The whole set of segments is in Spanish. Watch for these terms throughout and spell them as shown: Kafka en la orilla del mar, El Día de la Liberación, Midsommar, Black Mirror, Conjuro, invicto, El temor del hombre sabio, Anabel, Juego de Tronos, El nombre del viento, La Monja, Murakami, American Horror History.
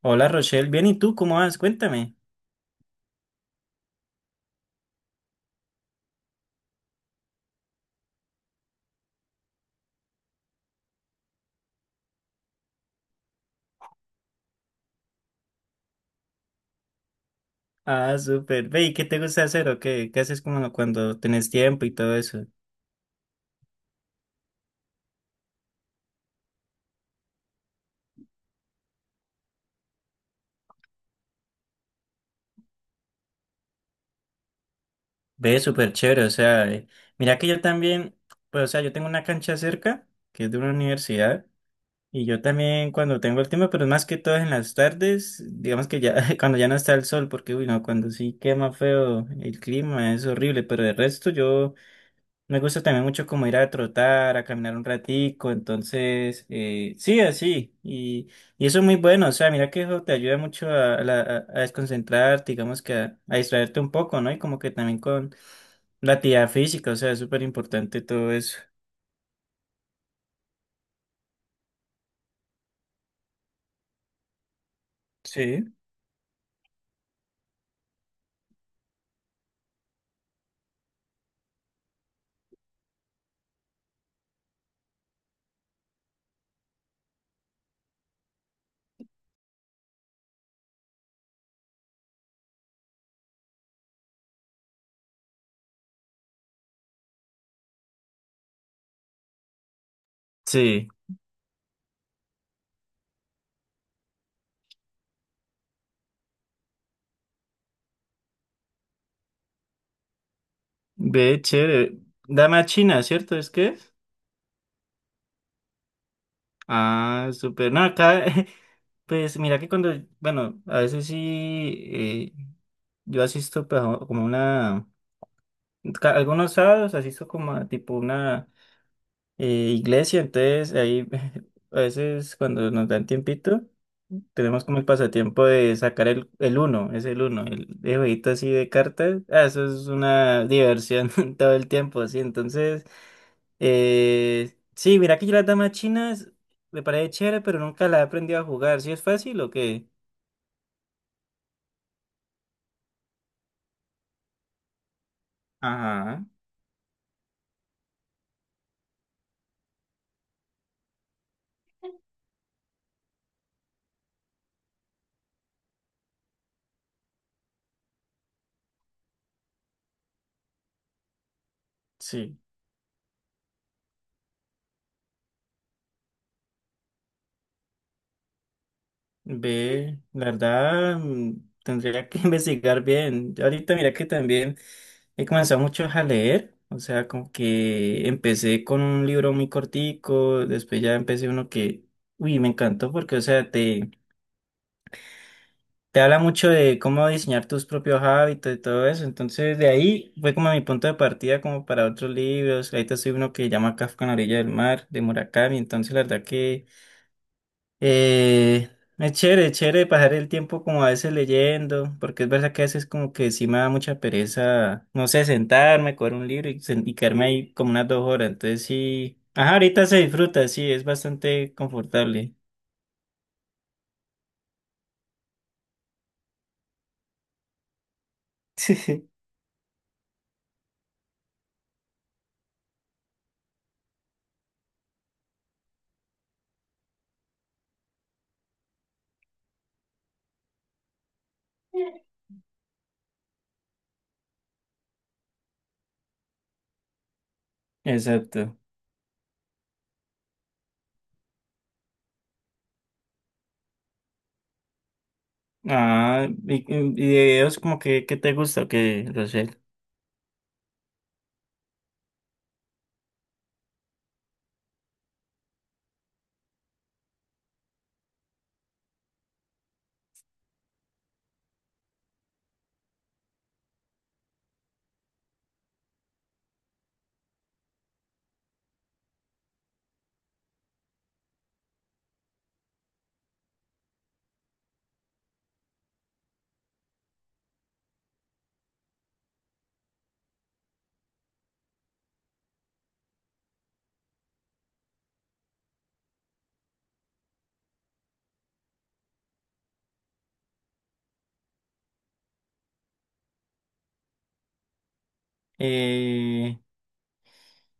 Hola Rochelle, bien, ¿y tú cómo vas? Cuéntame. Ah, súper. Ve, ¿y qué te gusta hacer o qué? ¿Qué haces como cuando tenés tiempo y todo eso? Ve, súper chévere, o sea, mira que yo también, pues, o sea, yo tengo una cancha cerca, que es de una universidad, y yo también cuando tengo el tiempo, pero es más que todo en las tardes, digamos que ya, cuando ya no está el sol, porque, uy, no, cuando sí quema feo el clima, es horrible, pero de resto yo... Me gusta también mucho como ir a trotar, a caminar un ratico, entonces, sí, así, y eso es muy bueno, o sea, mira que eso te ayuda mucho a desconcentrarte, digamos que a distraerte un poco, ¿no? Y como que también con la actividad física, o sea, es súper importante todo eso. Sí. Sí, ve, chévere. Dame a China, ¿cierto? ¿Es que? ¿Es? Ah, súper. No, acá, pues mira que cuando, bueno, a veces sí, eh, yo asisto pues, como una... algunos sábados asisto como a tipo una eh, iglesia, entonces ahí a veces cuando nos dan tiempito, tenemos como el pasatiempo de sacar el uno, es el uno, el jueguito así de cartas, ah, eso es una diversión todo el tiempo, sí, entonces... Sí, mira que yo las damas chinas me parece chévere, pero nunca la he aprendido a jugar. ¿Sí es fácil o qué? Ajá, sí. Ve, la verdad, tendría que investigar bien. Yo ahorita mira que también he comenzado mucho a leer, o sea, como que empecé con un libro muy cortico, después ya empecé uno que, uy, me encantó porque, o sea, te habla mucho de cómo diseñar tus propios hábitos y todo eso. Entonces, de ahí fue como mi punto de partida como para otros libros. Ahorita estoy uno que llama Kafka en la orilla del mar, de Murakami. Entonces, la verdad que... Eh, es chévere, es chévere pasar el tiempo como a veces leyendo, porque es verdad que a veces como que sí me da mucha pereza, no sé, sentarme, coger un libro y quedarme ahí como unas 2 horas. Entonces sí, ajá, ahorita se disfruta, sí, es bastante confortable. Exacto. Ah, y de videos como que, ¿qué te gusta o qué, Rosel? Eh,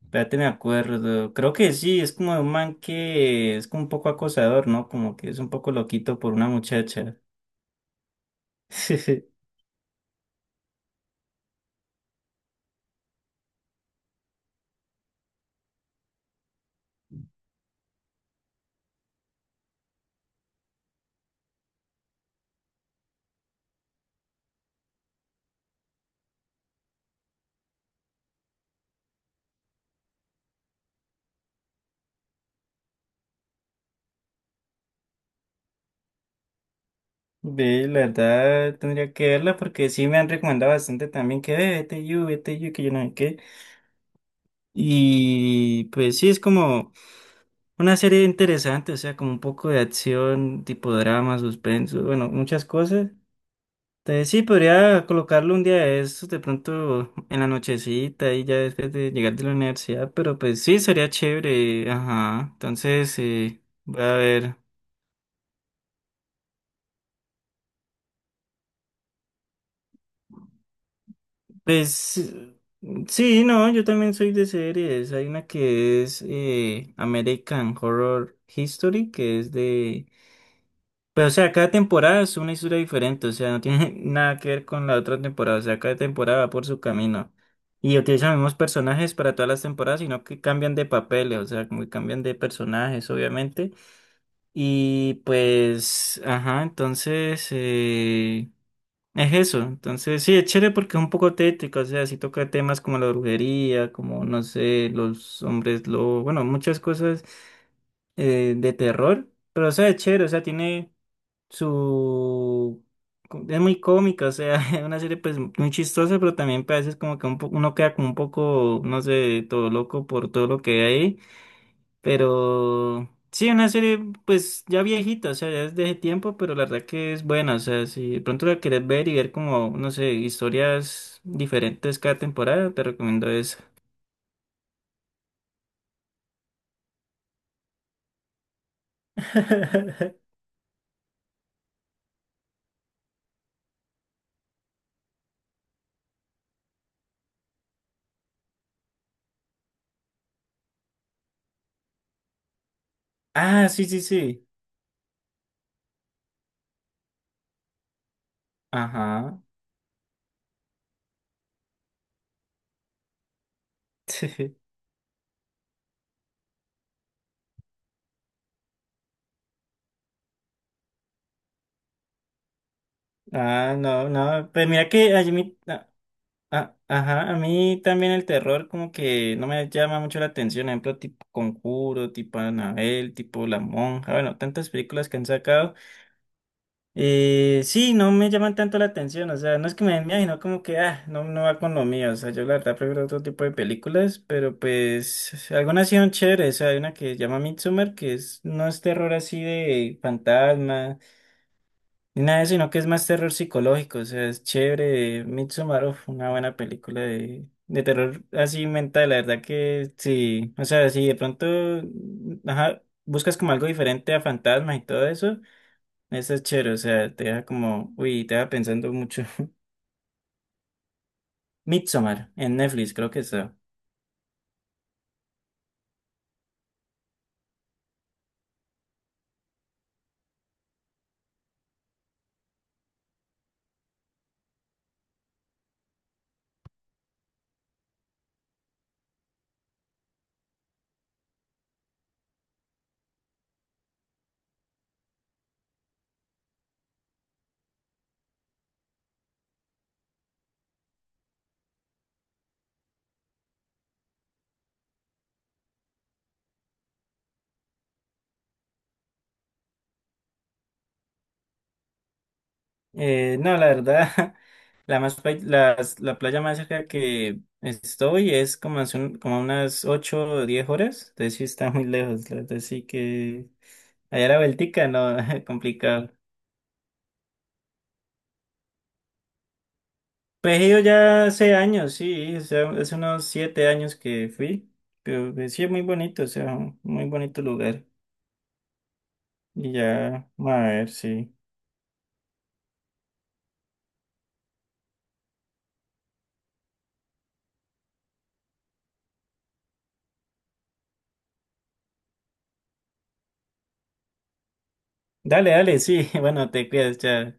espérate, me acuerdo. Creo que sí, es como de un man que es como un poco acosador, ¿no? Como que es un poco loquito por una muchacha. Ve, la verdad tendría que verla porque sí me han recomendado bastante también que ve, vete you, que yo no sé qué. Y pues sí, es como una serie interesante, o sea, como un poco de acción, tipo drama, suspenso, bueno, muchas cosas. Entonces sí, podría colocarlo un día de estos, de pronto en la nochecita y ya después de llegar de la universidad, pero pues sí, sería chévere, ajá. Entonces, voy a ver. Pues sí, no, yo también soy de series. Hay una que es American Horror History, que es de... Pero o sea, cada temporada es una historia diferente, o sea, no tiene nada que ver con la otra temporada, o sea, cada temporada va por su camino. Y utilizan los mismos personajes para todas las temporadas, sino que cambian de papeles, o sea, como que cambian de personajes, obviamente. Y pues, ajá, entonces... es eso, entonces sí, es chévere porque es un poco tétrico, o sea, sí toca temas como la brujería, como no sé, los hombres lobo, bueno, muchas cosas de terror, pero o sea, es chévere, o sea, tiene su... Es muy cómica, o sea, es una serie pues muy chistosa, pero también pues, a veces como que uno queda como un poco, no sé, todo loco por todo lo que hay, pero sí, una serie pues ya viejita, o sea, ya es de ese tiempo, pero la verdad que es buena, o sea, si de pronto la querés ver y ver como, no sé, historias diferentes cada temporada, te recomiendo esa. Ah, sí, sí, sí. Ajá. Ah, no, no. Pues mira que a mí, ajá, a mí también el terror como que no me llama mucho la atención. Por ejemplo, tipo Conjuro, tipo Anabel tipo La Monja. Bueno, tantas películas que han sacado. Sí, no me llaman tanto la atención, o sea, no es que me den miedo, sino como que, ah, no, no va con lo mío, o sea, yo la verdad prefiero otro tipo de películas, pero pues algunas sí son chéveres, o sea, hay una que se llama Midsommar, no es terror así de fantasma, ni nada de eso, sino que es más terror psicológico, o sea, es chévere, Midsommar, uf, una buena película de terror así mental, la verdad que sí, o sea, si de pronto, ajá, buscas como algo diferente a fantasmas y todo eso. Esa es chévere, o sea, te deja como, uy, te deja pensando mucho. Midsommar, en Netflix, creo que está. No, la verdad, la playa más cerca que estoy es como, como unas 8, o 10 horas, entonces sí está muy lejos, la verdad, sí que allá la vueltica, no, complicado. Pues he ido ya hace años, sí, o sea, hace unos 7 años que fui, pero pues, sí es muy bonito, o sea, un muy bonito lugar. Y ya, a ver, sí. Dale, dale, sí, bueno, te cuidas, chao.